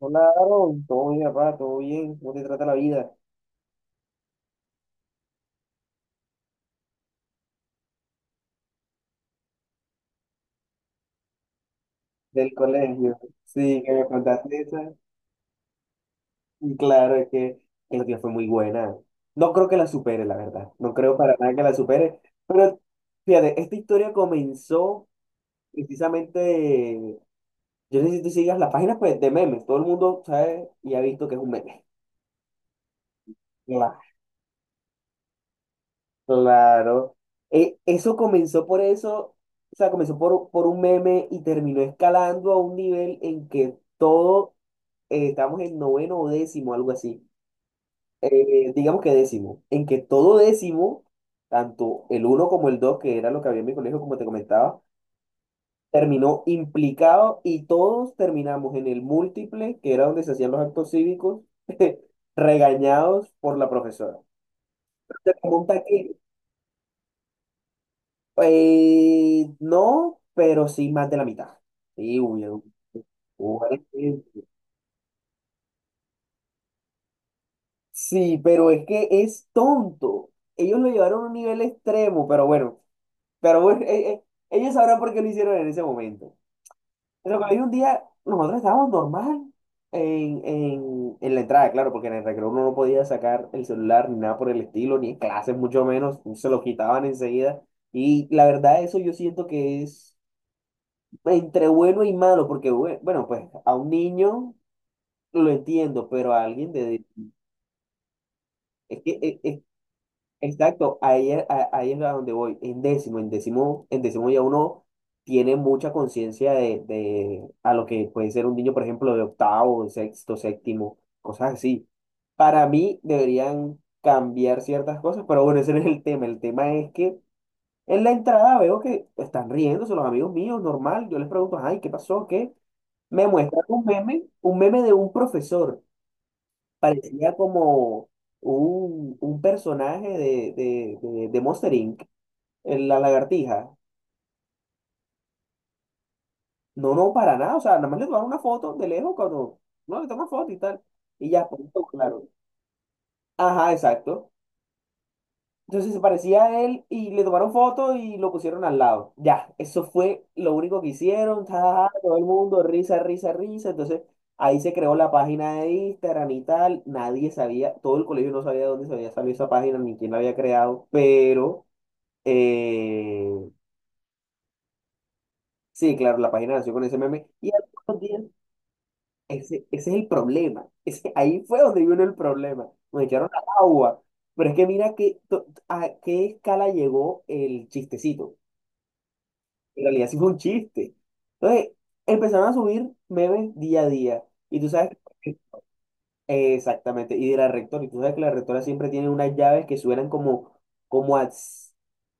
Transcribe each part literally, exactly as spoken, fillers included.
Hola, Aaron. Todo bien, papá, todo bien. ¿Cómo te trata la vida del colegio? Sí, que me contaste esa. Y claro, es que el día fue muy buena. No creo que la supere, la verdad. No creo para nada que la supere. Pero fíjate, esta historia comenzó precisamente. Yo no sé si tú sigas las páginas, pues, de memes. Todo el mundo sabe y ha visto que es un meme. Claro. Claro. Eh, eso comenzó por eso. O sea, comenzó por, por un meme y terminó escalando a un nivel en que todo eh, estábamos en noveno o décimo, algo así. Eh, digamos que décimo, en que todo décimo, tanto el uno como el dos, que era lo que había en mi colegio, como te comentaba, terminó implicado y todos terminamos en el múltiple, que era donde se hacían los actos cívicos, regañados por la profesora. Se pregunta que eh, no, pero sí más de la mitad. Sí, uy, uy, uy. Sí, pero es que es tonto. Ellos lo llevaron a un nivel extremo, pero bueno, Pero bueno, eh, eh, ellos sabrán por qué lo hicieron en ese momento. Pero hay un día, nosotros estábamos normal en, en, en la entrada, claro, porque en el recreo uno no podía sacar el celular ni nada por el estilo, ni en clases mucho menos, se lo quitaban enseguida. Y la verdad, eso yo siento que es entre bueno y malo, porque bue- bueno, pues a un niño lo entiendo, pero a alguien de... Es que, es, es- Exacto, ahí, es- a- ahí es a donde voy. En décimo, en décimo, en décimo ya uno tiene mucha conciencia de, de a lo que puede ser un niño, por ejemplo, de octavo, sexto, séptimo, cosas así. Para mí deberían cambiar ciertas cosas, pero bueno, ese no es el tema. El tema es que en la entrada veo que están riéndose los amigos míos, normal. Yo les pregunto, ay, ¿qué pasó? ¿Qué? Me muestran un meme, un meme de un profesor. Parecía como un, un personaje de, de, de, de Monster inc, el- la lagartija. No, no, para nada. O sea, nada más le tomaron una foto de lejos cuando no le toman foto y tal. Y ya, punto, claro. Ajá, exacto. Entonces se parecía a él y le tomaron foto y lo pusieron al lado. Ya, eso fue lo único que hicieron. ja, ja, ja, todo el mundo, risa, risa, risa. Entonces ahí se creó la página de Instagram y tal. Nadie sabía, todo el colegio no sabía de dónde se había salido esa página ni quién la había creado. Pero. Eh, sí, claro, la página nació con ese meme. Y a los días, ese, ese es el problema. Ese, ahí fue donde vino el problema. Nos echaron al agua. Pero es que mira que, to- a qué escala llegó el chistecito. En realidad sí fue un chiste. Entonces, empezaron a subir memes día a día. Y tú sabes, exactamente, y de la rectora. Y tú sabes que la rectora siempre tiene unas llaves que suenan como, como a s-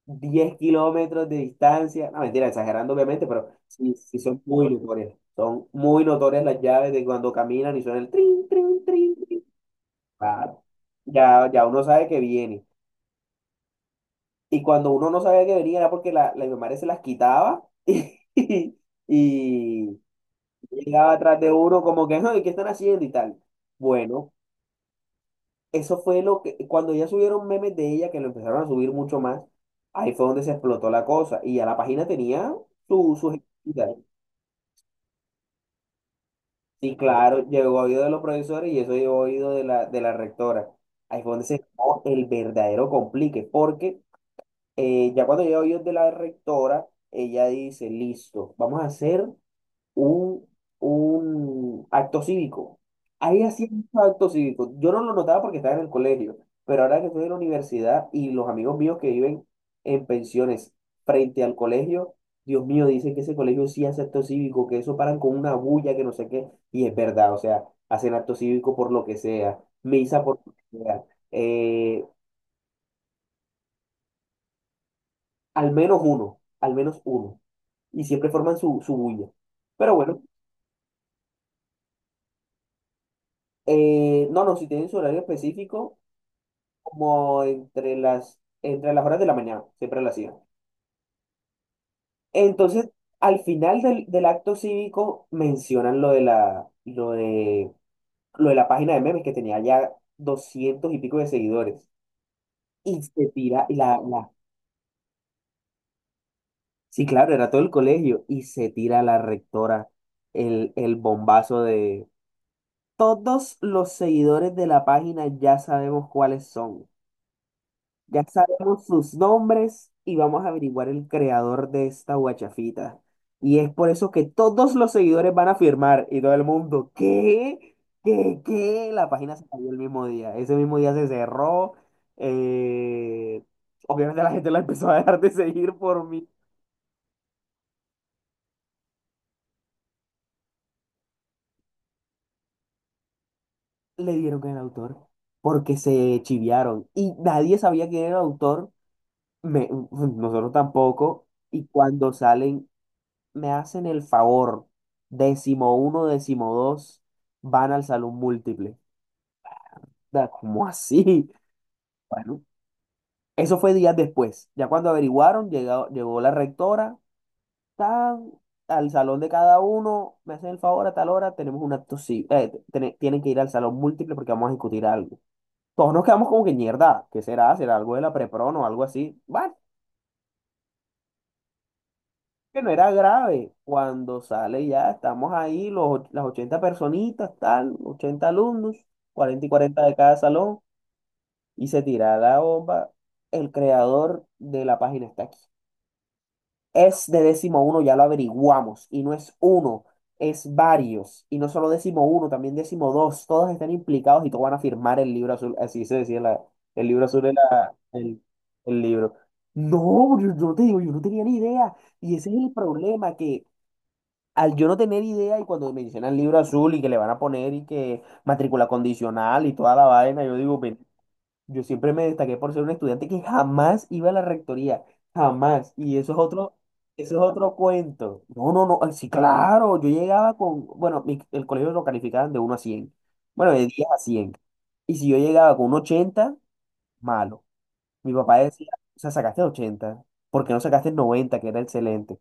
diez kilómetros de distancia. No, mentira, exagerando obviamente, pero sí, sí son muy notorias. Son muy notorias las llaves de cuando caminan y suena el trin, trin, trin, trin. Claro. Ya, ya uno sabe que viene. Y cuando uno no sabía que venía era porque la, la mi madre se las quitaba y, y llegaba atrás de uno como que, "Ay, ¿qué están haciendo?" y tal. Bueno, eso fue lo que, cuando ya subieron memes de ella, que lo empezaron a subir mucho más, ahí fue donde se explotó la cosa. Y ya la página tenía su, sus estrellitas. Sí, claro, llegó a oído de los profesores y eso llegó a oído de la, de la rectora. Ahí fue donde se formó el verdadero complique, porque eh, ya cuando llegó a oído de la rectora, ella dice, listo, vamos a hacer un, un acto cívico. Ahí hacía muchos actos cívicos. Yo no lo notaba porque estaba en el colegio, pero ahora que estoy en la universidad y los amigos míos que viven en pensiones frente al colegio, Dios mío, dicen que ese colegio sí hace acto cívico, que eso paran con una bulla, que no sé qué, y es verdad, o sea, hacen acto cívico por lo que sea, misa por lo que sea, eh, al menos uno, al menos uno, y siempre forman su, su bulla. Pero bueno. Eh, no, no, si tienen su horario específico, como entre las, entre las horas de la mañana, siempre lo hacían. Entonces, al final del, del acto cívico mencionan lo de la, lo de, lo de la página de memes que tenía ya doscientos y pico de seguidores. Y se tira, y la, la, sí, claro, era todo el colegio, y se tira a la rectora el, el bombazo de todos los seguidores de la página. Ya sabemos cuáles son. Ya sabemos sus nombres y vamos a averiguar el creador de esta guachafita. Y es por eso que todos los seguidores van a firmar y todo el mundo, ¿qué? ¿Qué? ¿Qué? La página se cayó el mismo día. Ese mismo día se cerró. Eh, Obviamente la gente la empezó a dejar de seguir por mí. Le dieron con el autor porque se chiviaron y nadie sabía quién era el autor. Me- nosotros tampoco. Y cuando salen me hacen el favor, décimo uno, décimo dos, van al salón múltiple. Da, ¿cómo así? Bueno, eso fue días después. Ya cuando averiguaron, llegado llegó la rectora, tan, al salón de cada uno, me hacen el favor a tal hora, tenemos un acto, sí, eh, tienen que ir al salón múltiple porque vamos a discutir algo. Todos nos quedamos como que mierda, ¿qué será? ¿Será algo de la prepron o algo así? Bueno, que no era grave. Cuando sale ya, estamos ahí, los, och- las ochenta personitas, tal, ochenta alumnos, cuarenta y cuarenta de cada salón, y se tira la bomba. El creador de la página está aquí. Es de décimo uno, ya lo averiguamos, y no es uno, es varios, y no solo décimo uno, también décimo dos, todos están implicados y todos van a firmar el libro azul, así se decía la- el libro azul, era el, el libro. No, yo, yo no te digo, yo no tenía ni idea. Y ese es el problema, que al yo no tener idea y cuando mencionan libro azul y que le van a poner y que matrícula condicional y toda la vaina, yo digo, ven, yo siempre me destaqué por ser un estudiante que jamás iba a la rectoría, jamás. Y eso es otro, eso es otro cuento. No, no, no, ay, sí, claro, yo llegaba con, bueno, mi- el colegio lo calificaban de uno a cien, bueno, de diez a cien. Y si yo llegaba con un ochenta, malo. Mi papá decía, o sea, sacaste ochenta, ¿por qué no sacaste noventa que era excelente?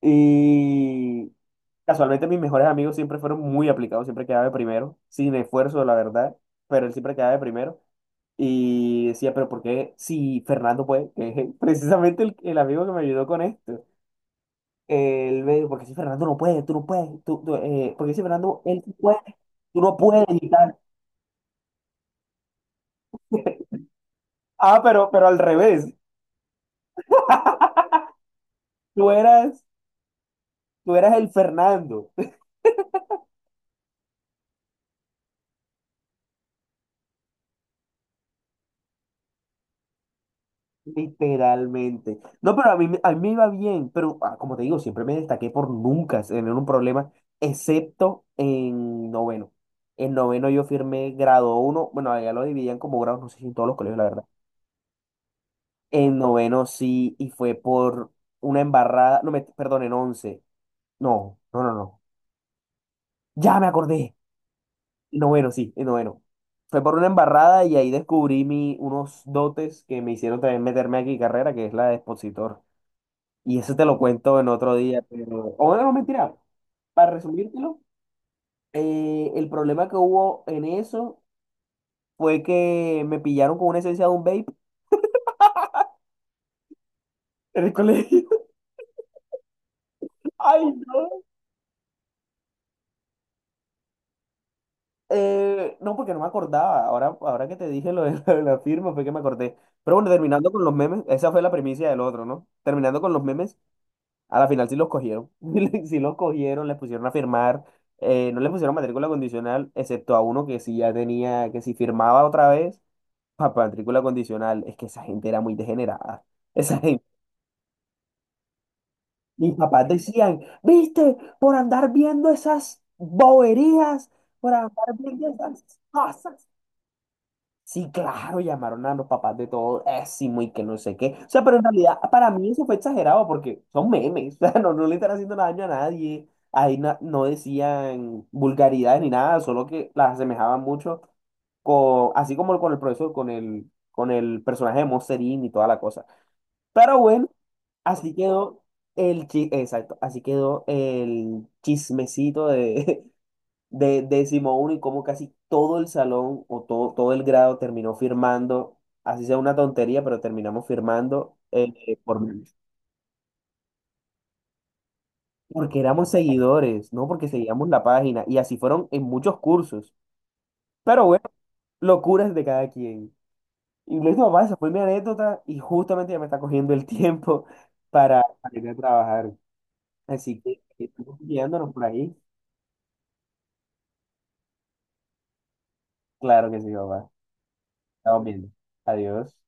Y casualmente mis mejores amigos siempre fueron muy aplicados, siempre quedaba de primero, sin esfuerzo, la verdad, pero él siempre quedaba de primero. Y decía, pero ¿por qué si Fernando puede? Que es precisamente el, el amigo que me ayudó con esto. Él me dijo, ¿por qué si Fernando no puede? Tú no puedes. Tú, tú, eh, ¿por qué si Fernando, él sí puede? Tú no puedes y tal. Ah, pero, pero al revés. Tú eras, tú eras el Fernando. Literalmente. No, pero a mí, me- a mí me iba bien, pero ah, como te digo, siempre me destaqué por nunca tener un problema, excepto en noveno. En noveno yo firmé grado uno, bueno, allá lo dividían como grados, no sé si en todos los colegios, la verdad. En noveno sí, y fue por una embarrada, no, me, perdón, en once. No, no, no, no. Ya me acordé. En noveno, sí, en noveno. Fue por una embarrada y ahí descubrí mi, unos dotes que me hicieron también meterme aquí carrera, que es la de expositor. Y eso te lo cuento en otro día, pero... O bueno, no, mentira. Para resumírtelo, eh, el problema que hubo en eso fue que me pillaron con una esencia de un vape en el colegio. Ay, no. Eh, no, porque no me acordaba. Ahora, ahora que te dije lo de, lo de la firma fue que me acordé. Pero bueno, terminando con los memes, esa fue la primicia del otro, ¿no? Terminando con los memes, a la final sí los cogieron. Sí los cogieron, les pusieron a firmar. Eh, no les pusieron matrícula condicional, excepto a uno que sí ya tenía, que si firmaba otra vez a matrícula condicional, es que esa gente era muy degenerada. Esa gente, mis papás decían, viste, por andar viendo esas boberías, por andar viendo esas cosas. Sí, claro, llamaron a los papás de todo,ésimo y que no sé qué. O sea, pero en realidad para mí eso fue exagerado porque son memes, o sea, no, no le están haciendo daño a nadie. Ahí na- no decían vulgaridades ni nada, solo que las asemejaban mucho con, así como con el profesor, con el, con el personaje de Monster inc y toda la cosa. Pero bueno, así quedó el chi- exacto, así quedó el chismecito de, de décimo uno y cómo casi todo el salón o todo, todo el grado terminó firmando, así sea una tontería, pero terminamos firmando eh, eh, por memes. Porque éramos seguidores, no porque seguíamos la página, y así fueron en muchos cursos. Pero bueno, locuras de cada quien. Y lo papá, esa fue mi anécdota, y justamente ya me está cogiendo el tiempo para, para ir a trabajar. Así que, que estamos guiándonos por ahí. Claro que sí, papá. Estamos viendo. Adiós.